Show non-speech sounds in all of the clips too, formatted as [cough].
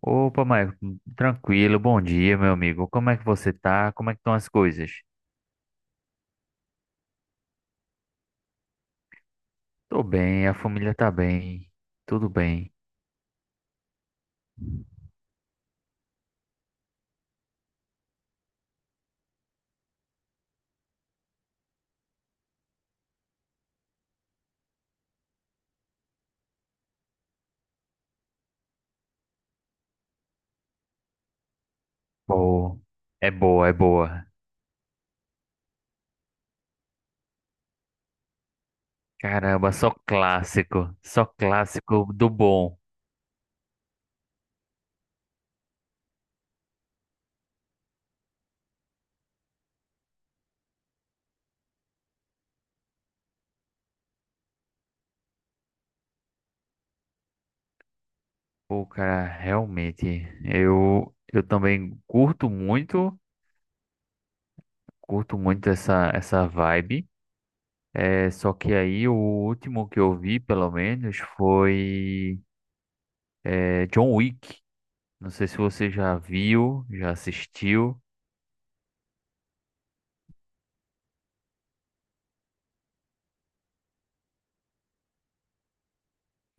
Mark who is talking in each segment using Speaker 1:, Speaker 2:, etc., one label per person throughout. Speaker 1: Opa, Maicon, tranquilo, bom dia, meu amigo. Como é que você tá? Como é que estão as coisas? Tô bem, a família tá bem, tudo bem. Boa. É boa, é boa. Caramba, só clássico do bom. Pô, cara, realmente, eu também curto muito essa vibe. É, só que aí o último que eu vi, pelo menos, foi John Wick. Não sei se você já viu, já assistiu.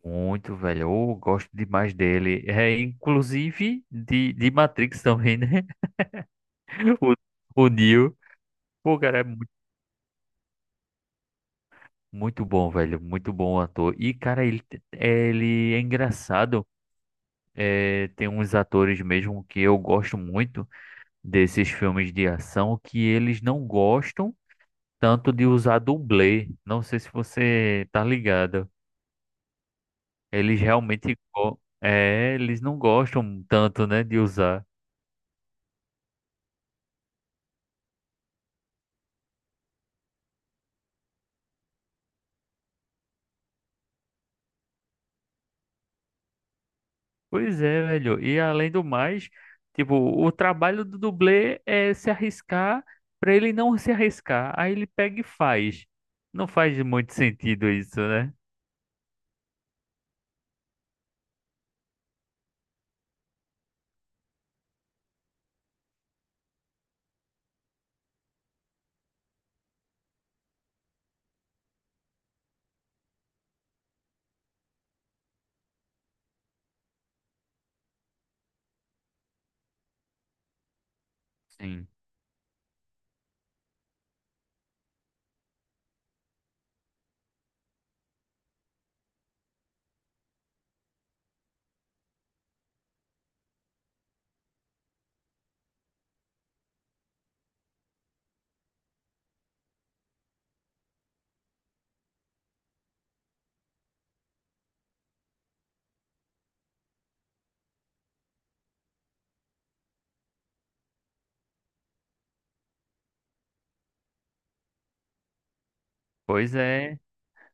Speaker 1: Muito, velho. Eu gosto demais dele. É, inclusive de Matrix também, né? [laughs] O Neo. Pô, cara, é muito, muito bom, velho. Muito bom ator. E, cara, ele é engraçado. É, tem uns atores mesmo que eu gosto muito desses filmes de ação que eles não gostam tanto de usar dublê. Não sei se você tá ligado. Eles realmente eles não gostam tanto, né, de usar. Pois é, velho. E além do mais, tipo, o trabalho do dublê é se arriscar pra ele não se arriscar. Aí ele pega e faz. Não faz muito sentido isso, né? Sim. Pois é,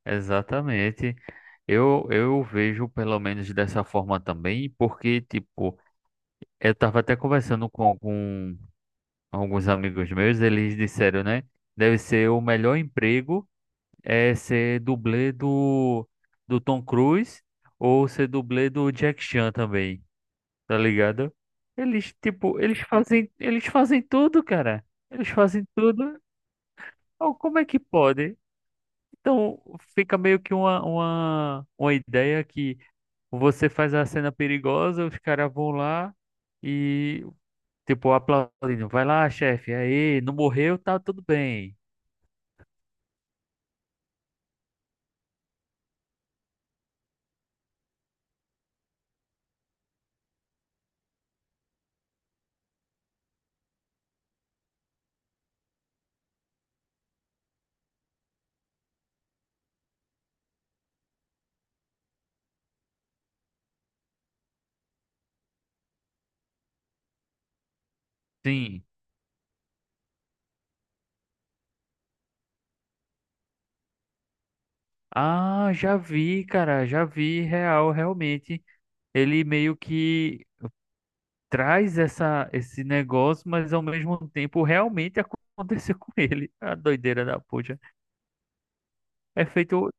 Speaker 1: exatamente. Eu vejo pelo menos dessa forma também, porque, tipo, eu tava até conversando com alguns amigos meus, eles disseram, né? Deve ser o melhor emprego é ser dublê do Tom Cruise ou ser dublê do Jack Chan também, tá ligado? Eles, tipo, eles fazem tudo, cara. Eles fazem tudo. Oh, como é que pode? Então, fica meio que uma ideia que você faz a cena perigosa, os caras vão lá e, tipo, aplaudindo. Vai lá, chefe, aí, não morreu, tá tudo bem. Sim. Ah, já vi, cara, já vi real, realmente. Ele meio que traz essa, esse negócio, mas ao mesmo tempo realmente aconteceu [laughs] com ele. A doideira da puta. É feito,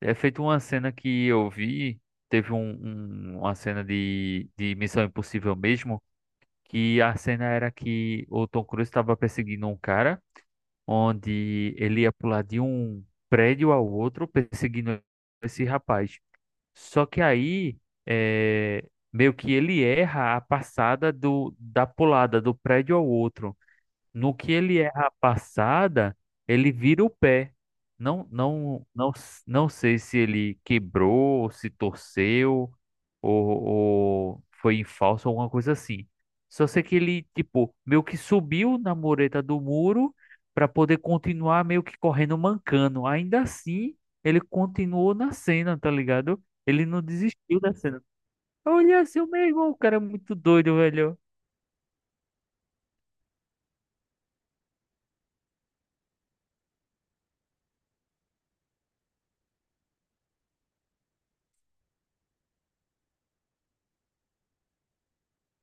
Speaker 1: é feito uma cena que eu vi, teve um, uma cena de Missão Impossível mesmo, que a cena era que o Tom Cruise estava perseguindo um cara, onde ele ia pular de um prédio ao outro perseguindo esse rapaz. Só que aí, é, meio que ele erra a passada da pulada do prédio ao outro. No que ele erra a passada, ele vira o pé. Não, não, não, não sei se ele quebrou, se torceu, ou foi em falso, alguma coisa assim. Só sei que ele, tipo, meio que subiu na mureta do muro para poder continuar meio que correndo mancando. Ainda assim, ele continuou na cena, tá ligado? Ele não desistiu da cena. Olha, assim, meu irmão, o cara é muito doido, velho.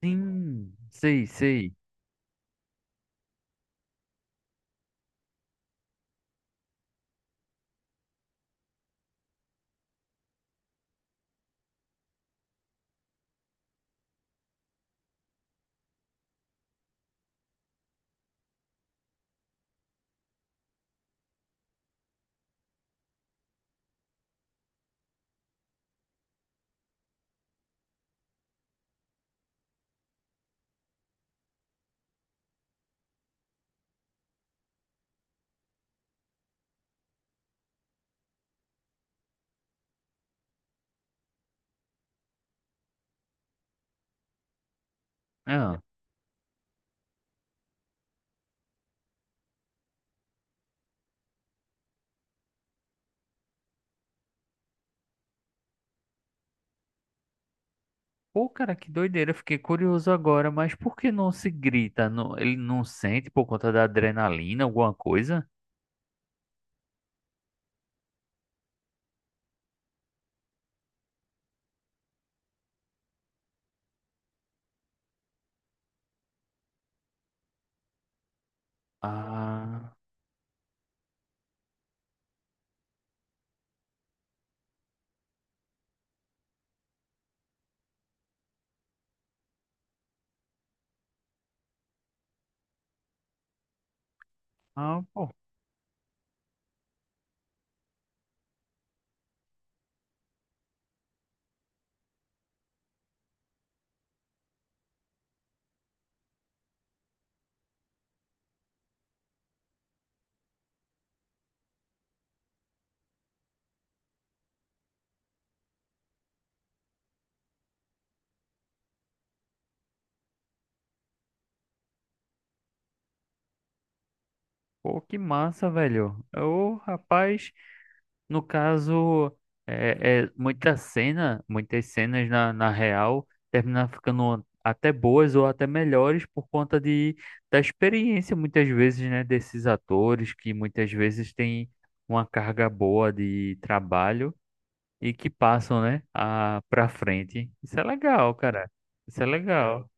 Speaker 1: Sim, sei, sei. Ah. Pô, cara, que doideira. Eu fiquei curioso agora, mas por que não se grita? Ele não sente por conta da adrenalina, alguma coisa? Ah, ah, pô, que massa, velho. O rapaz, no caso, é muita cena, muitas cenas na real terminam ficando até boas ou até melhores por conta da experiência, muitas vezes, né, desses atores que muitas vezes têm uma carga boa de trabalho. E que passam, né, a, pra frente. Isso é legal, cara. Isso é legal.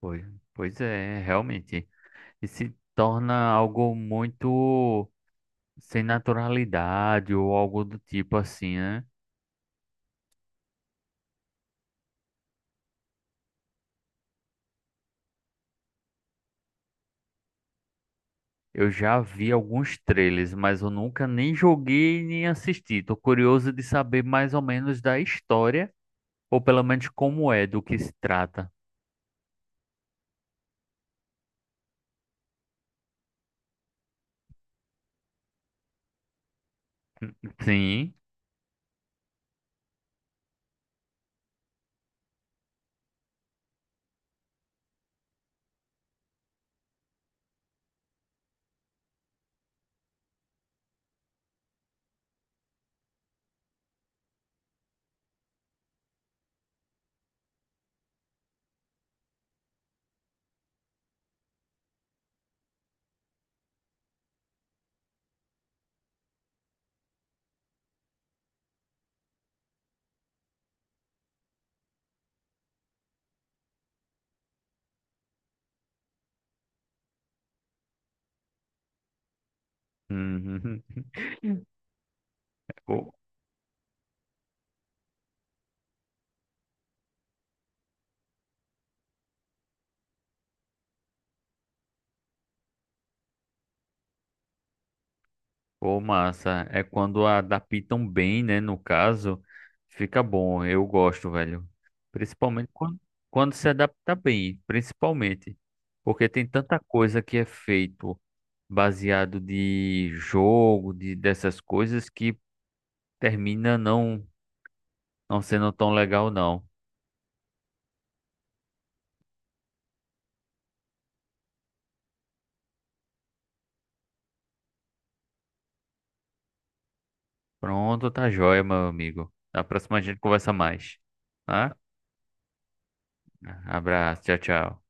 Speaker 1: Pois, pois é, realmente. E se torna algo muito sem naturalidade ou algo do tipo assim, né? Eu já vi alguns trailers, mas eu nunca nem joguei nem assisti. Tô curioso de saber mais ou menos da história, ou pelo menos como é, do que se trata. Sim. [laughs] Uhum. Pô, massa. É quando adaptam bem, né? No caso, fica bom. Eu gosto, velho. Principalmente quando se adapta bem, principalmente. Porque tem tanta coisa que é feito baseado de jogo, de dessas coisas que termina não, não sendo tão legal, não. Pronto, tá joia, meu amigo. Na próxima a gente conversa mais. Tá? Abraço, tchau, tchau.